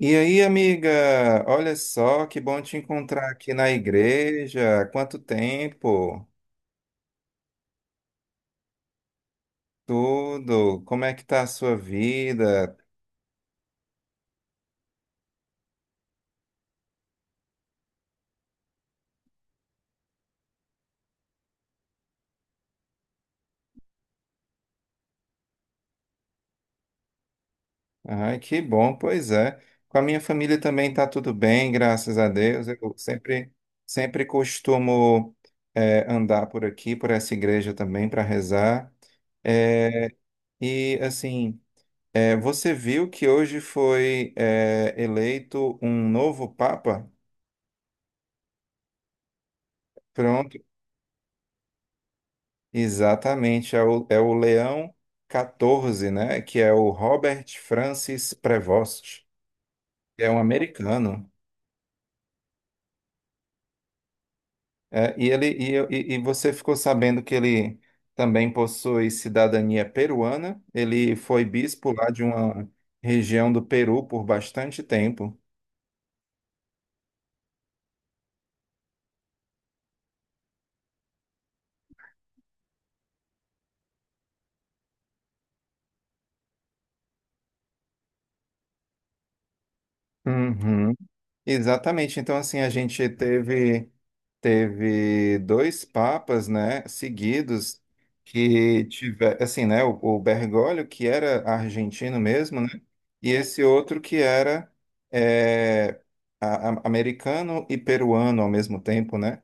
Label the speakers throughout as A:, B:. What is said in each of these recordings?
A: E aí, amiga, olha só, que bom te encontrar aqui na igreja. Quanto tempo? Tudo? Como é que tá a sua vida? Ai, que bom, pois é. Com a minha família também tá tudo bem, graças a Deus. Eu sempre costumo andar por aqui, por essa igreja também, para rezar. Eh, e assim, você viu que hoje foi eleito um novo Papa? Pronto. Exatamente, é o Leão 14, né? Que é o Robert Francis Prevost, que é um americano. É, e ele e, e você ficou sabendo que ele também possui cidadania peruana. Ele foi bispo lá de uma região do Peru por bastante tempo. Uhum. Exatamente. Então, assim, a gente teve dois papas, né, seguidos que tiver, assim, né, o Bergoglio que era argentino mesmo, né, e esse outro que era é, americano e peruano ao mesmo tempo, né?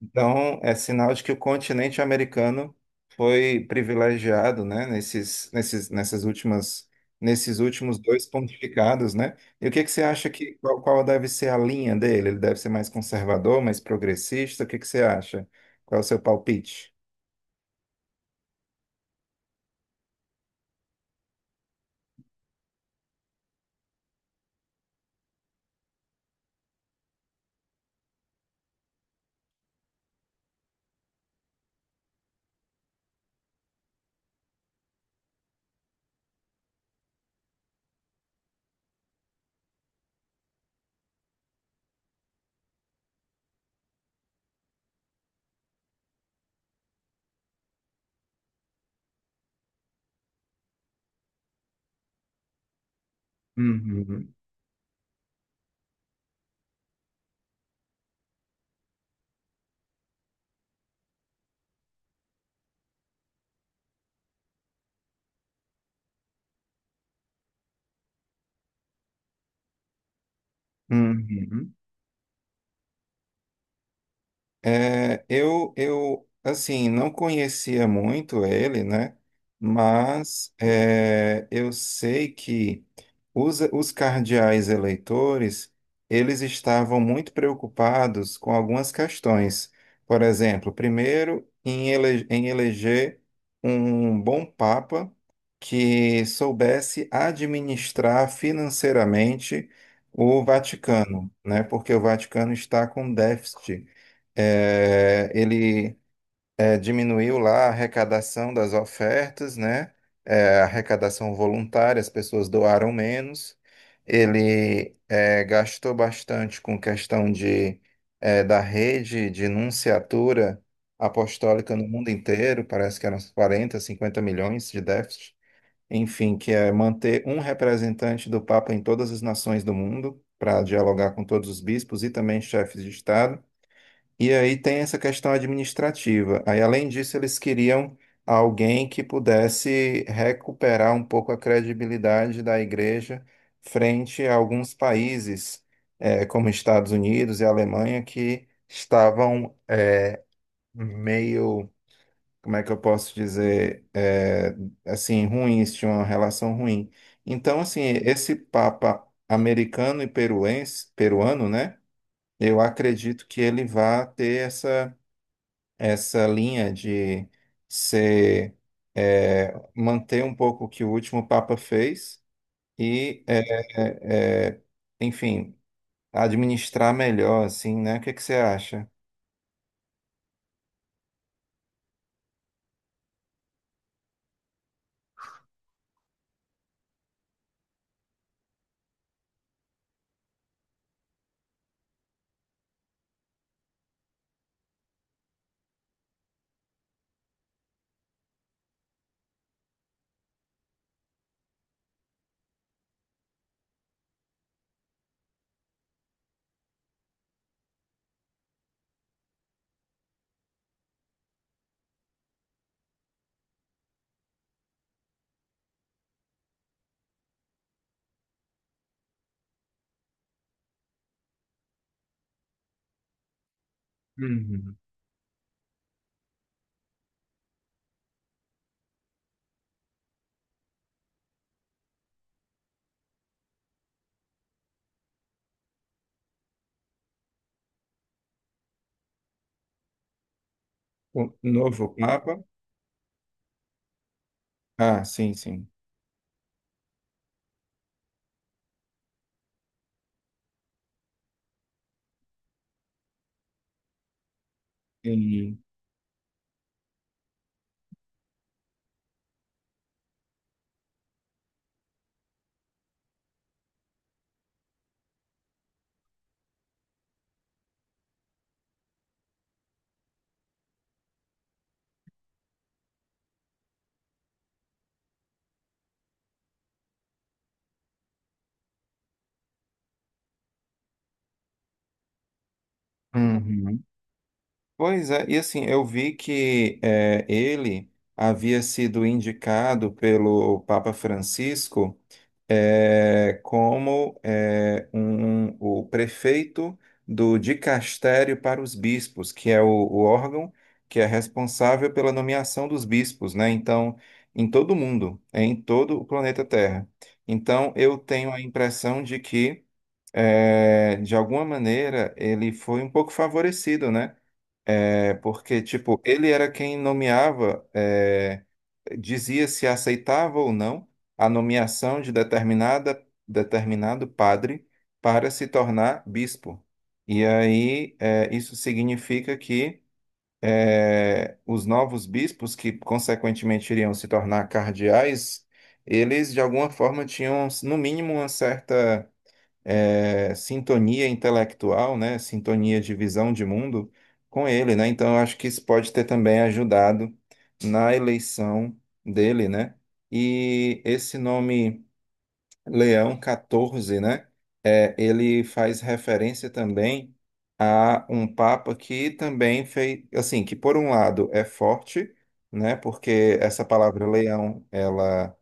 A: Então, é sinal de que o continente americano foi privilegiado, né, nesses últimos dois pontificados, né? E o que que você acha que, qual deve ser a linha dele? Ele deve ser mais conservador, mais progressista? O que que você acha? Qual é o seu palpite? Uhum. Uhum. É, assim, não conhecia muito ele, né? Mas é, eu sei que os cardeais eleitores, eles estavam muito preocupados com algumas questões. Por exemplo, primeiro, em eleger um bom papa que soubesse administrar financeiramente o Vaticano, né? Porque o Vaticano está com déficit, é, ele diminuiu lá a arrecadação das ofertas, né? É, a arrecadação voluntária, as pessoas doaram menos. Ele gastou bastante com questão de, é, da rede de nunciatura apostólica no mundo inteiro, parece que eram uns 40, 50 milhões de déficit. Enfim, que é manter um representante do Papa em todas as nações do mundo, para dialogar com todos os bispos e também chefes de Estado. E aí tem essa questão administrativa. Aí, além disso, eles queriam alguém que pudesse recuperar um pouco a credibilidade da igreja frente a alguns países, como Estados Unidos e Alemanha, que estavam meio, como é que eu posso dizer, assim, ruins, tinham uma relação ruim. Então, assim, esse Papa americano e peruense, peruano, né? Eu acredito que ele vá ter essa linha de ser, é, manter um pouco o que o último Papa fez e, é, é, é, enfim, administrar melhor, assim, né? O que que você acha? Uhum. O novo Papa? Ah, sim, sim. Entendi. Uhum. Pois é, e assim, eu vi que é, ele havia sido indicado pelo Papa Francisco é, como é, o prefeito do dicastério para os bispos, que é o órgão que é responsável pela nomeação dos bispos, né? Então, em todo o mundo, é, em todo o planeta Terra. Então, eu tenho a impressão de que, é, de alguma maneira, ele foi um pouco favorecido, né? É porque, tipo, ele era quem nomeava, é, dizia se aceitava ou não a nomeação de determinado padre para se tornar bispo. E aí, é, isso significa que é, os novos bispos, que consequentemente iriam se tornar cardeais, eles de alguma forma tinham, no mínimo, uma certa é, sintonia intelectual, né, sintonia de visão de mundo com ele, né? Então eu acho que isso pode ter também ajudado na eleição dele, né? E esse nome Leão 14, né? É, ele faz referência também a um papa que também fez, assim, que por um lado é forte, né? Porque essa palavra leão, ela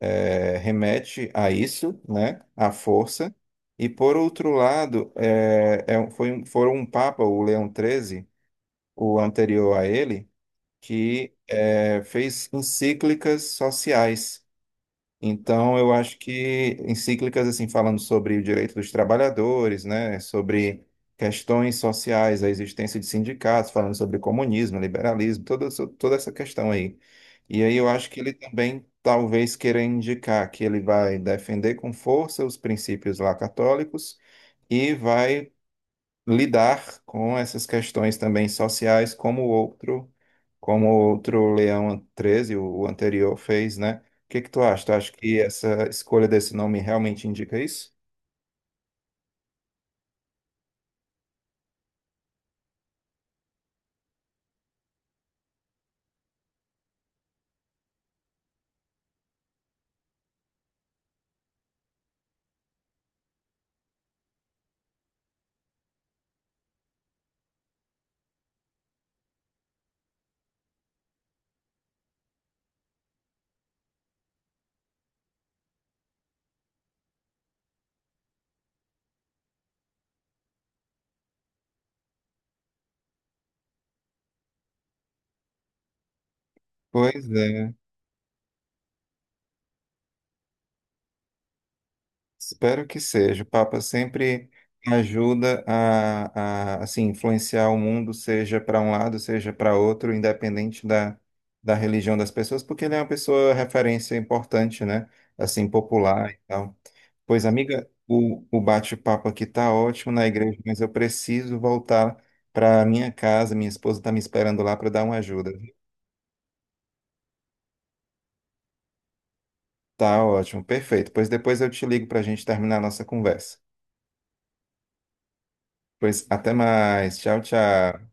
A: é, remete a isso, né, à força. E por outro lado, foram um papa, o Leão XIII, o anterior a ele, que é, fez encíclicas sociais. Então, eu acho que encíclicas, assim, falando sobre o direito dos trabalhadores, né, sobre questões sociais, a existência de sindicatos, falando sobre comunismo, liberalismo, toda essa questão aí. E aí eu acho que ele também talvez queira indicar que ele vai defender com força os princípios lá católicos e vai lidar com essas questões também sociais, como o outro Leão Treze, o anterior, fez, né? O que que tu acha? Tu acha que essa escolha desse nome realmente indica isso? Pois é. Espero que seja. O Papa sempre ajuda a assim, influenciar o mundo, seja para um lado, seja para outro, independente da, da religião das pessoas, porque ele é uma pessoa referência importante, né? Assim, popular e tal. Pois, amiga, o bate-papo aqui tá ótimo na igreja, mas eu preciso voltar para minha casa. Minha esposa está me esperando lá para dar uma ajuda. Tá ótimo, perfeito. Pois depois eu te ligo para a gente terminar a nossa conversa. Pois até mais. Tchau, tchau.